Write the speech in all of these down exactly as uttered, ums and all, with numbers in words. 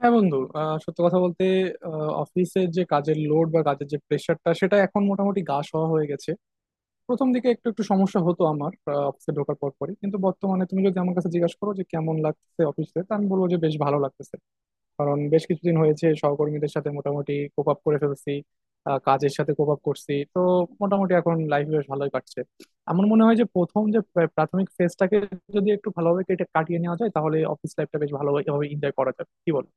হ্যাঁ বন্ধু, আহ, সত্য কথা বলতে অফিসের যে কাজের লোড বা কাজের যে প্রেশারটা সেটা এখন মোটামুটি গা সওয়া হয়ে গেছে। প্রথম দিকে একটু একটু সমস্যা হতো আমার অফিসে ঢোকার পর পরই, কিন্তু বর্তমানে তুমি যদি আমার কাছে জিজ্ঞাসা করো যে কেমন লাগছে অফিসে, তা আমি বলবো যে বেশ ভালো লাগতেছে। কারণ বেশ কিছুদিন হয়েছে সহকর্মীদের সাথে মোটামুটি কোপ আপ করে ফেলছি, আহ, কাজের সাথে কোপ আপ করছি, তো মোটামুটি এখন লাইফ বেশ ভালোই কাটছে। আমার মনে হয় যে প্রথম যে প্রা- প্রাথমিক ফেজটাকে যদি একটু ভালোভাবে কেটে কাটিয়ে নেওয়া যায়, তাহলে অফিস লাইফটা বেশ ভালোভাবে এনজয় করা যাবে, কি বলো?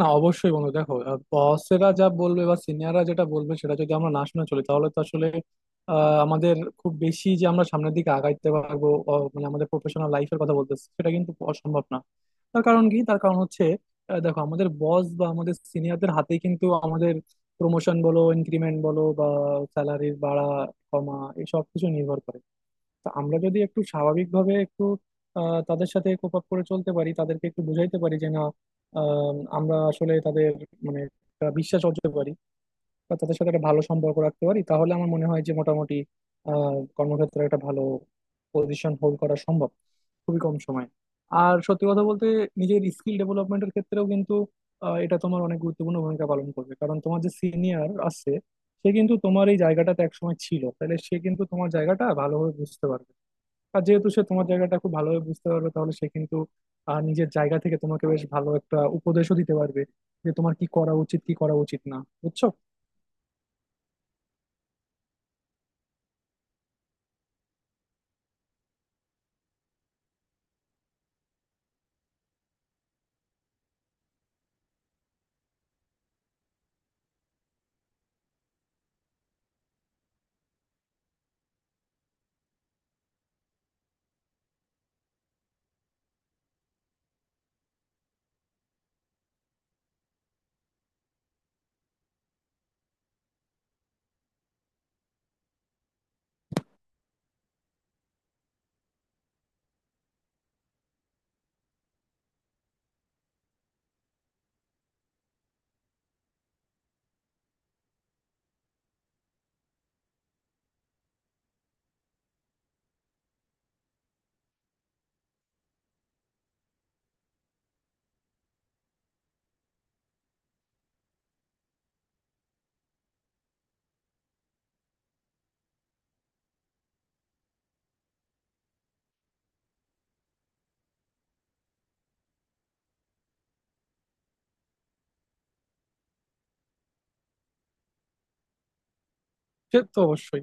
না, অবশ্যই বন্ধু দেখো, বসেরা যা বলবে বা সিনিয়ররা যেটা বলবে সেটা যদি আমরা না শুনে চলি তাহলে তো আসলে আহ, আমাদের খুব বেশি যে আমরা সামনের দিকে আগাইতে পারবো, অ- মানে আমাদের প্রফেশনাল লাইফের কথা বলতেছি, সেটা কিন্তু অসম্ভব না। তার কারণ কি? তার কারণ হচ্ছে আহ, দেখো, আমাদের বস বা আমাদের সিনিয়রদের হাতেই কিন্তু আমাদের প্রমোশন বলো, ইনক্রিমেন্ট বলো, বা স্যালারির বাড়া কমা, এই সব কিছু নির্ভর করে। তো আমরা যদি একটু স্বাভাবিকভাবে একটু আহ, তাদের সাথে কোপ আপ করে চলতে পারি, তাদেরকে একটু বোঝাইতে পারি যে না, আম, আমরা আসলে তাদের মানে একটা বিশ্বাস অর্জন করতে পারি বা তাদের সাথে একটা ভালো সম্পর্ক রাখতে পারি, তাহলে আমার মনে হয় যে মোটামুটি আহ কর্মক্ষেত্রে একটা ভালো পজিশন হোল্ড করা সম্ভব খুবই কম সময়ে। আর সত্যি কথা বলতে নিজের স্কিল ডেভেলপমেন্টের ক্ষেত্রেও কিন্তু আহ, এটা তোমার অনেক গুরুত্বপূর্ণ ভূমিকা পালন করবে। কারণ তোমার যে সিনিয়র আছে সে কিন্তু তোমার এই জায়গাটাতে একসময় ছিল, তাহলে সে কিন্তু তোমার জায়গাটা ভালোভাবে বুঝতে পারবে। আর যেহেতু সে তোমার জায়গাটা খুব ভালোভাবে বুঝতে পারবে, তাহলে সে কিন্তু আহ, নিজের জায়গা থেকে তোমাকে বেশ ভালো একটা উপদেশও দিতে পারবে যে তোমার কি করা উচিত, কি করা উচিত না। বুঝছো? সে তো অবশ্যই।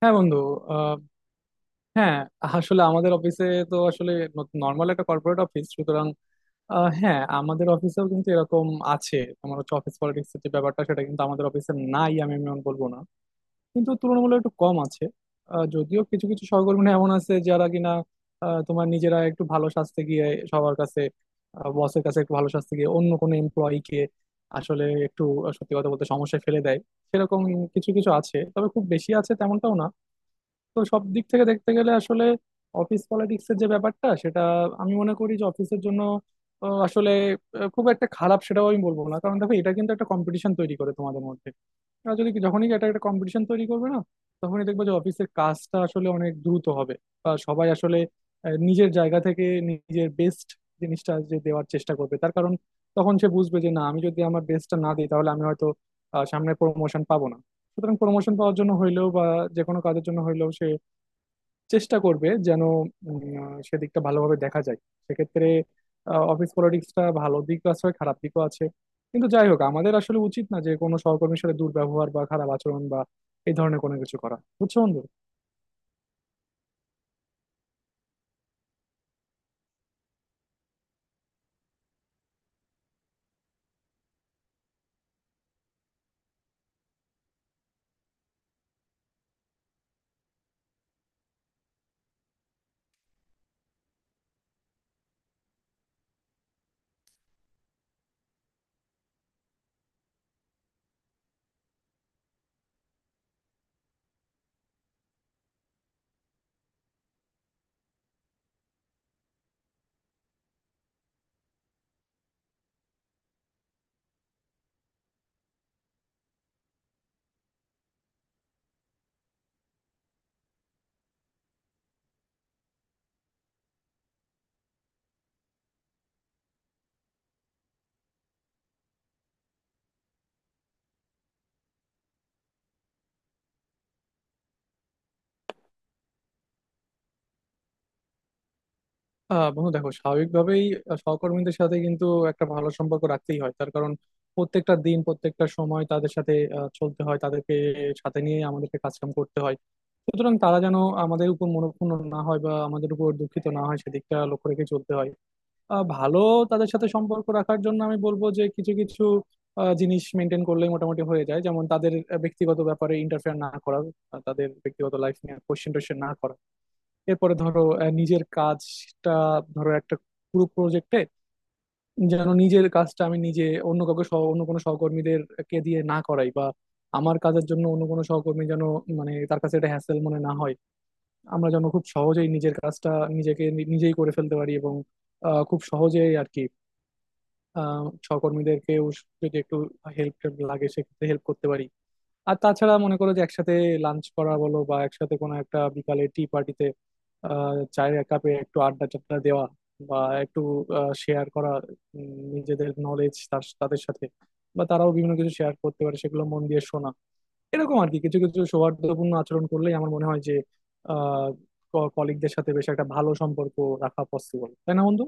হ্যাঁ বন্ধু, আহ, হ্যাঁ, আসলে আমাদের অফিসে তো আসলে নর্মাল একটা কর্পোরেট অফিস, সুতরাং আহ, হ্যাঁ, আমাদের অফিসেও কিন্তু এরকম আছে। তোমার হচ্ছে অফিস পলিটিক্স এর যে ব্যাপারটা, সেটা কিন্তু আমাদের অফিসে নাই আমি এমন বলবো না, কিন্তু তুলনামূলক একটু কম আছে। আহ, যদিও কিছু কিছু সহকর্মী এমন আছে যারা কিনা আহ, তোমার নিজেরা একটু ভালো সাজতে গিয়ে সবার কাছে, বসের কাছে একটু ভালো সাজতে গিয়ে অন্য কোনো এমপ্লয়িকে আসলে একটু আহ, সত্যি কথা বলতে সমস্যায় ফেলে দেয়। সেরকম কিছু কিছু আছে, তবে খুব বেশি আছে তেমনটাও না। তো সব দিক থেকে দেখতে গেলে আসলে অফিস পলিটিক্সের যে ব্যাপারটা সেটা আমি মনে করি যে অফিসের জন্য আহ, আসলে আহ, খুব একটা খারাপ সেটাও আমি বলবো না। কারণ দেখো, এটা কিন্তু একটা কম্পিটিশন তৈরি করে তোমাদের মধ্যে। আর যদি যখনই একটা একটা কম্পিটিশন তৈরি করবে না, তখনই দেখবে যে অফিসের কাজটা আসলে অনেক দ্রুত হবে। বা সবাই আসলে আহ, নিজের জায়গা থেকে নিজের বেস্ট জিনিসটা যে দেওয়ার চেষ্টা করবে, তার কারণ তখন সে বুঝবে যে না, আমি যদি আমার বেস্টটা না দিই তাহলে আমি হয়তো আহ, সামনে প্রমোশন পাবো না। সুতরাং প্রমোশন পাওয়ার জন্য হইলেও বা যে কোনো কাজের জন্য হইলেও সে চেষ্টা করবে যেন উম, সেদিকটা ভালোভাবে দেখা যায়। সেক্ষেত্রে অফিস পলিটিক্সটা ভালো দিক আছে, খারাপ দিকও আছে। কিন্তু যাই হোক, আমাদের আসলে উচিত না যে কোনো সহকর্মীর সাথে দুর্ব্যবহার বা খারাপ আচরণ বা এই ধরনের কোনো কিছু করা। বুঝছো বন্ধু? আহ বন্ধু দেখো, স্বাভাবিকভাবেই সহকর্মীদের সাথে কিন্তু একটা ভালো সম্পর্ক রাখতেই হয়। তার কারণ প্রত্যেকটা দিন, প্রত্যেকটা সময় তাদের সাথে আহ, চলতে হয়, তাদেরকে সাথে নিয়ে আমাদেরকে কাজকাম করতে হয়। সুতরাং তারা যেন আমাদের উপর মনোক্ষুণ্ণ না হয় বা আমাদের উপর দুঃখিত না হয়, সেদিকটা লক্ষ্য রেখে চলতে হয়। আহ, ভালো তাদের সাথে সম্পর্ক রাখার জন্য আমি বলবো যে কিছু কিছু আহ, জিনিস মেনটেন করলে মোটামুটি হয়ে যায়। যেমন তাদের আহ, ব্যক্তিগত ব্যাপারে ইন্টারফেয়ার না করা, আহ, তাদের ব্যক্তিগত লাইফ নিয়ে কোশ্চেন টোশ্চেন না করা, এরপরে ধরো আহ, নিজের কাজটা, ধরো একটা পুরো প্রজেক্টে যেন নিজের কাজটা আমি নিজে, অন্য কাউকে সহ অন্য কোনো সহকর্মীদের কে দিয়ে না করাই, বা আমার কাজের জন্য অন্য কোনো সহকর্মী যেন মানে তার কাছে এটা হ্যাসেল মনে না হয়, আমরা যেন খুব সহজেই নিজের কাজটা নিজেকে নি- নিজেই করে ফেলতে পারি এবং আহ, খুব সহজেই আর কি। আহ, সহকর্মীদেরকেও যদি একটু হেল্প লাগে সেক্ষেত্রে হেল্প করতে পারি। আর তাছাড়া মনে করো যে একসাথে লাঞ্চ করা বলো, বা একসাথে কোনো একটা বিকালে টি পার্টিতে চায়ের এক কাপে একটু আড্ডা টাড্ডা দেওয়া, বা একটু শেয়ার করা উম, নিজেদের নলেজ তার তাদের সাথে, বা তারাও বিভিন্ন কিছু শেয়ার করতে পারে সেগুলো মন দিয়ে শোনা, এরকম আর কি কিছু কিছু সৌহার্দ্যপূর্ণ আচরণ করলেই আমার মনে হয় যে আহ কলিগদের সাথে বেশ একটা ভালো সম্পর্ক রাখা পসিবল। তাই না বন্ধু?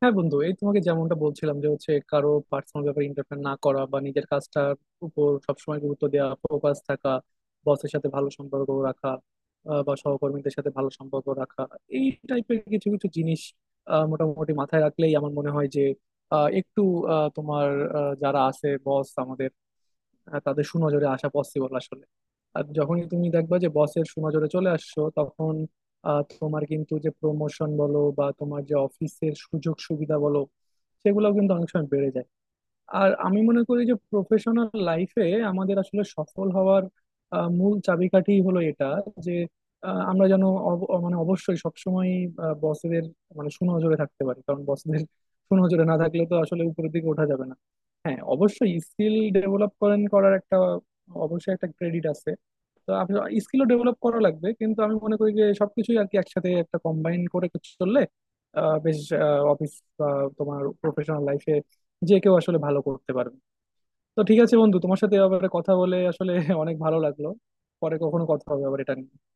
হ্যাঁ বন্ধু, এই তোমাকে যেমনটা বলছিলাম যে হচ্ছে কারো পার্সোনাল ব্যাপারে ইন্টারফেয়ার না করা, বা নিজের কাজটার উপর সবসময় গুরুত্ব দেওয়া, ফোকাস থাকা, বসের সাথে ভালো সম্পর্ক রাখা, আহ, বা সহকর্মীদের সাথে ভালো সম্পর্ক রাখা, এই টাইপের কিছু কিছু জিনিস আহ, মোটামুটি মাথায় রাখলেই আমার মনে হয় যে আহ, একটু আহ, তোমার আহ, যারা আছে বস আমাদের, আহ, তাদের সুনজরে আসা পসিবল আসলে। আর যখনই তুমি দেখবা যে বসের সুনজরে চলে আসছো, তখন আহ, তোমার কিন্তু যে প্রমোশন বলো বা তোমার যে অফিসের সুযোগ সুবিধা বলো, সেগুলো কিন্তু অনেক সময় বেড়ে যায়। আর আমি মনে করি যে প্রফেশনাল লাইফে আমাদের আসলে সফল হওয়ার আহ, মূল চাবিকাঠি হলো এটা, যে আহ, আমরা যেন অব- অ- মানে অবশ্যই সবসময় বসেদের মানে সুনজরে থাকতে পারি। কারণ বসদের সুনজরে না থাকলে তো আসলে উপরের দিকে ওঠা যাবে না। হ্যাঁ অবশ্যই স্কিল ডেভেলপ করেন করার একটা, অবশ্যই একটা ক্রেডিট আছে। তো আপনি স্কিলও ডেভেলপ করা লাগবে, কিন্তু আমি মনে করি যে সবকিছুই আর কি একসাথে একটা কম্বাইন করে চললে আহ, বেশ অফিস বা তোমার প্রফেশনাল লাইফে যে কেউ আসলে ভালো করতে পারবে। তো ঠিক আছে বন্ধু, তোমার সাথে এ ব্যাপারে কথা বলে আসলে অনেক ভালো লাগলো। পরে কখনো কথা হবে আবার এটা নিয়ে।